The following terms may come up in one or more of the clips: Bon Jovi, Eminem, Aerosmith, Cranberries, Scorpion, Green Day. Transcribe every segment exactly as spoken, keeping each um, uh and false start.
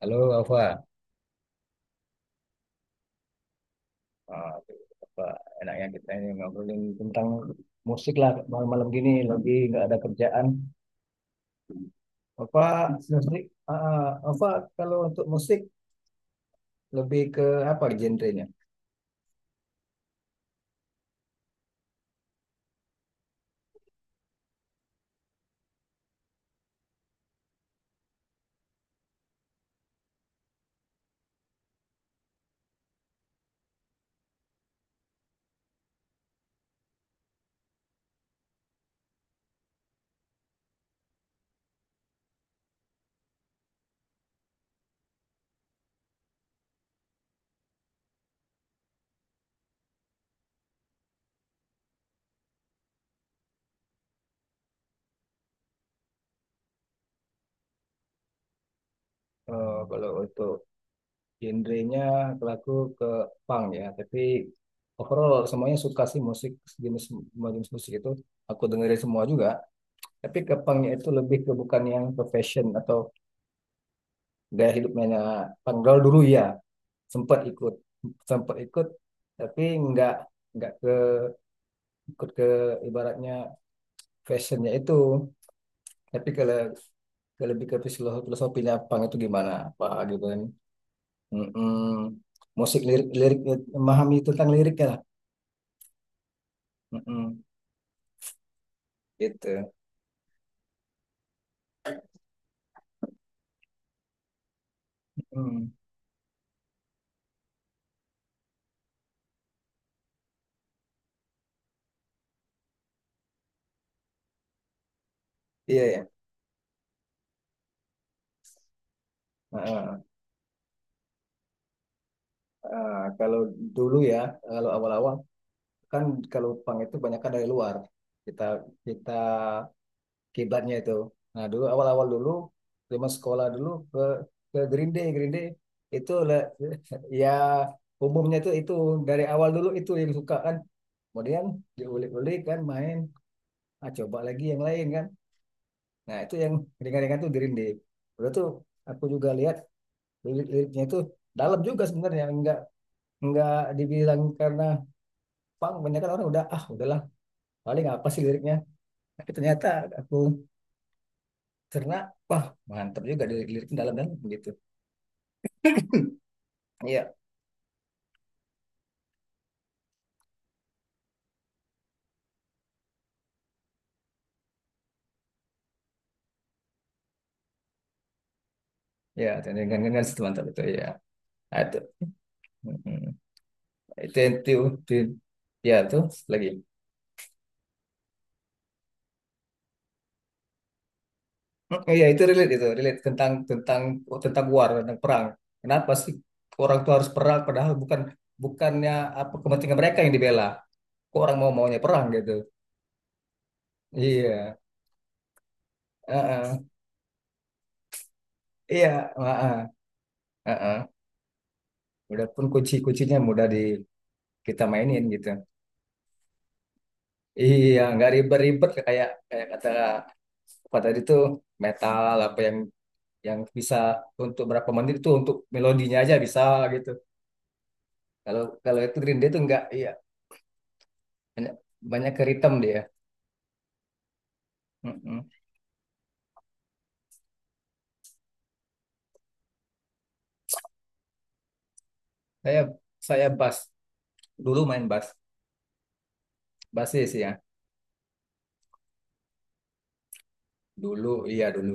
Halo, Alfa. Ah, tuh, apa enaknya kita ini ngobrolin tentang musik lah malam-malam gini lagi nggak ada kerjaan. Alfa, musik, ah, Alfa, kalau untuk musik lebih ke apa genrenya? Eh, kalau untuk genrenya, kalau aku ke punk ya, tapi overall semuanya suka sih musik jenis semua jenis musik itu aku dengerin semua juga. Tapi ke punknya itu lebih ke bukan yang ke fashion atau gaya hidupnya punk, kalau dulu ya. sempat ikut sempat ikut, tapi nggak nggak ke, ikut ke, ibaratnya fashionnya itu, tapi kalau ke, lebih ke filosofi- filosofinya, pang itu gimana pak gitu kan. Mm-mm. Musik, lirik lirik, memahami tentang liriknya lah. Mm-mm. Gitu. Mm. Iya ya. Heeh. Ah, kalau dulu ya, kalau awal-awal kan, kalau pang itu banyak dari luar, kita kita kiblatnya itu. Nah, dulu awal-awal dulu zaman sekolah dulu, ke ke Green Day Green Day itu le- Ya, umumnya itu itu dari awal dulu itu yang suka kan. Kemudian diulik-ulik kan, main, ah coba lagi yang lain kan. Nah, itu yang ringan-ringan tuh Green Day. Udah tuh aku juga lihat lirik-liriknya itu dalam juga sebenarnya, enggak enggak dibilang karena pang banyak kan, orang udah, ah udahlah, paling apa sih liriknya, tapi ternyata aku cerna, wah mantap juga lirik-liriknya, dalam-dalam begitu. Iya, ya, dengan dengan teman itu ya. Nah, itu. Mm-mm. Itu yang itu, itu- Ya, tuh lagi. Mm. Iya, itu relate, itu relate tentang tentang, oh, tentang war, tentang perang. Kenapa sih orang tuh harus perang, padahal bukan, bukannya apa kepentingan mereka yang dibela. Kok orang mau maunya perang gitu. Iya. Heeh. Iya, heeh. Heeh. Udah pun kunci-kuncinya mudah di kita mainin gitu. Iya, nggak ribet-ribet kayak kayak kata apa tadi tuh, metal apa yang yang bisa untuk berapa menit itu untuk melodinya aja bisa gitu. Kalau kalau itu Green Day itu enggak, iya banyak, banyak ke rhythm dia. Mm-mm. Saya saya bass, dulu main bass, bassis ya, dulu, iya, dulu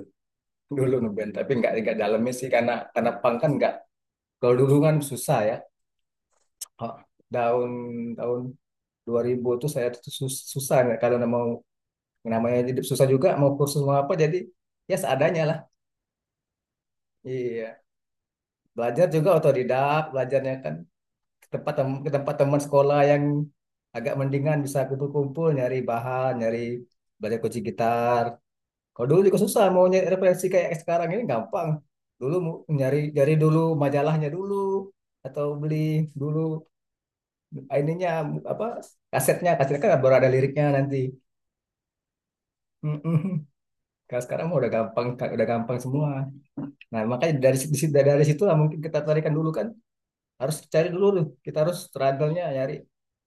dulu ngeband, tapi enggak, enggak dalamnya sih, karena karena punk kan enggak, kalau dulu kan susah ya. Oh, Tahun tahun dua ribu tuh saya tuh sus- susah, nggak kalau mau, namanya hidup susah juga, mau kursus mau apa, jadi ya seadanya lah. Iya, belajar juga otodidak belajarnya kan, ke tempat tem- ke tempat teman sekolah yang agak mendingan, bisa kumpul-kumpul, nyari bahan, nyari, belajar kunci gitar. Kalau dulu juga susah mau nyari referensi kayak sekarang ini gampang. Dulu mu- nyari, nyari dulu majalahnya dulu, atau beli dulu ininya, apa, kasetnya, kasetnya kan baru ada liriknya nanti. Mm-mm. Kalau sekarang mah udah gampang, udah gampang semua. Nah, makanya dari situ, dari situ lah mungkin kita tarikan dulu kan. Harus cari dulu tuh. Kita harus struggle-nya nyari,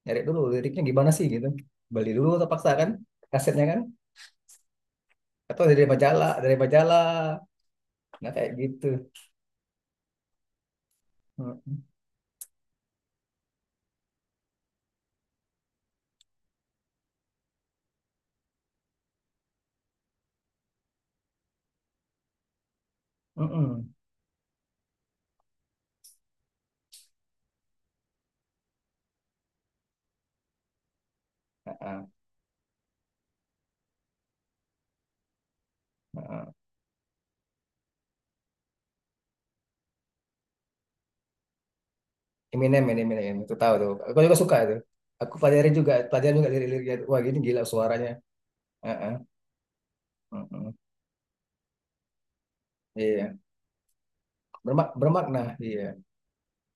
nyari dulu liriknya gimana sih gitu. Beli dulu terpaksa kan kasetnya kan, atau dari majalah, dari majalah. Nah kayak gitu. Mm-mm. Mm-mm. Ah, ah, ah. Eminem, ini Eminem. Itu tahu tuh. Aku juga suka tuh. Aku pelajari juga, pelajari juga lirik-liriknya. Wah, gini gila suaranya. Ah, ah. Mm. Iya, bermak bermakna. Iya,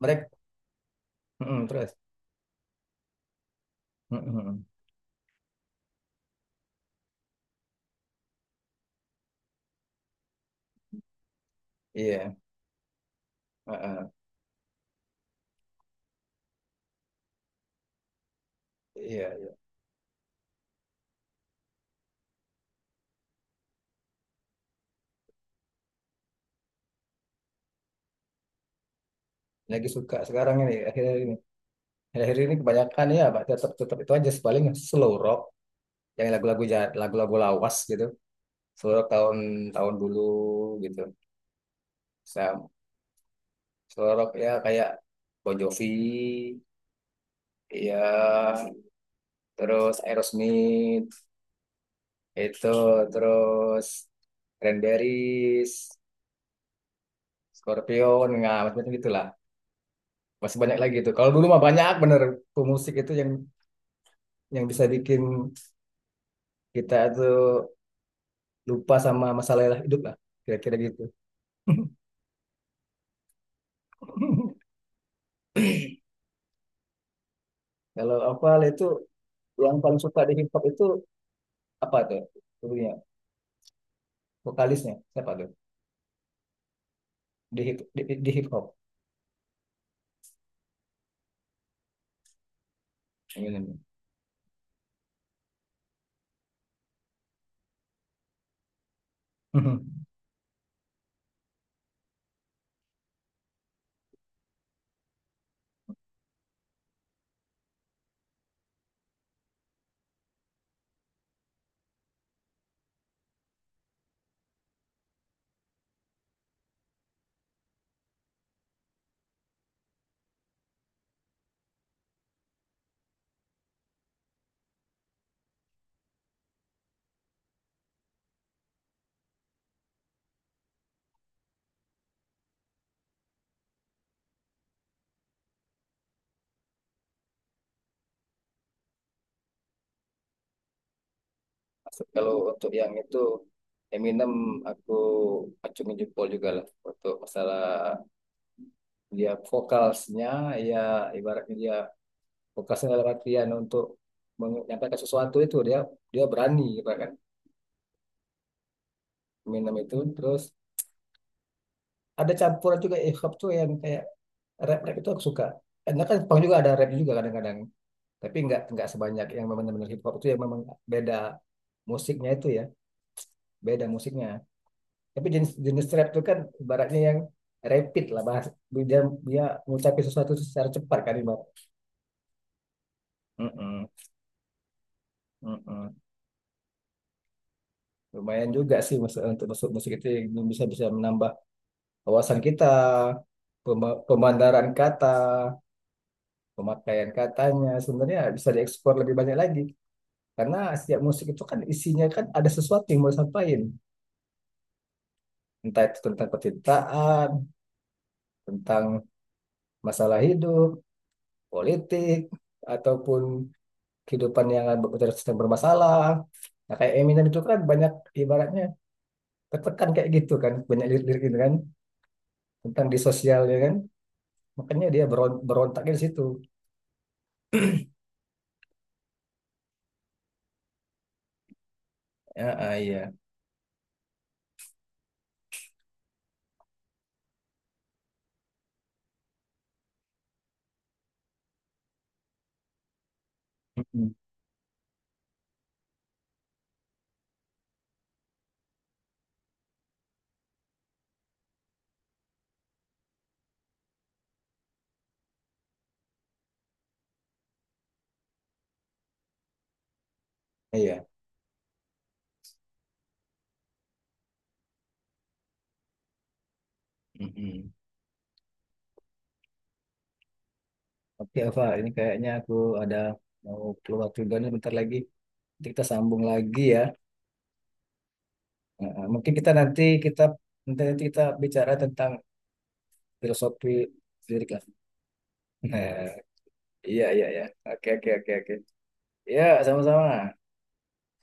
mereka. Mm, terus. Mm-mm. Iya, ah, ah. Iya, iya. Lagi suka sekarang ini, akhirnya akhir ini kebanyakan ya Pak, tetap tetap itu aja paling slow rock, yang lagu-lagu ja- lagu-lagu lawas gitu, slow rock tahun, tahun dulu gitu. Saya slow rock ya kayak Bon Jovi ya, terus Aerosmith, itu, terus Cranberries, Scorpion, nggak macam-macam gitulah, masih banyak lagi itu, kalau dulu mah banyak bener tuh, itu yang yang bisa bikin kita tuh lupa sama masalah hidup lah, kira-kira gitu. Kalau Oval itu yang paling suka di hip hop itu apa tuh? Dulunya vokalisnya siapa tuh? Di hip di, di hip hop, Eminem. Maksud- Kalau untuk yang itu Eminem, aku acungin jempol juga lah untuk masalah dia vokalnya ya, ibaratnya dia vokalnya dalam artian untuk menyampaikan sesuatu itu, dia, dia berani gitu kan, Eminem itu. Terus ada campuran juga hip hop tuh yang kayak rap, rap itu aku suka, karena kan Jepang juga ada rap juga kadang-kadang, tapi nggak nggak sebanyak yang memang benar-benar hip hop itu yang memang beda musiknya itu ya, beda musiknya, tapi jenis jenis rap itu kan ibaratnya yang rapid lah, bahas, dia, dia ngucapin sesuatu secara cepat kan, ibarat. Mm-mm, mm-mm. Lumayan juga sih mus- untuk masuk musik itu yang bisa bisa menambah wawasan kita, pema- pemandaran kata, pemakaian katanya sebenarnya bisa diekspor lebih banyak lagi, karena setiap musik itu kan isinya kan ada sesuatu yang mau disampaikan, entah itu tentang percintaan, tentang masalah hidup, politik, ataupun kehidupan yang bermasalah. Nah, kayak Eminem itu kan banyak ibaratnya tertekan kayak gitu kan, banyak lirik-lirik gitu kan tentang di sosialnya kan. Makanya dia beron- berontaknya di situ. Ya, ah, iya. Mm-mm. Iya. Mm-mm. Oke, Ava, ini kayaknya aku ada mau keluar juga nih bentar lagi. Nanti kita sambung lagi ya. Ah, ah. Mungkin kita nanti kita nanti, nanti kita bicara tentang filosofi lirik lah. Iya, iya, iya. Oke, oke, oke, oke. Ya, sama-sama.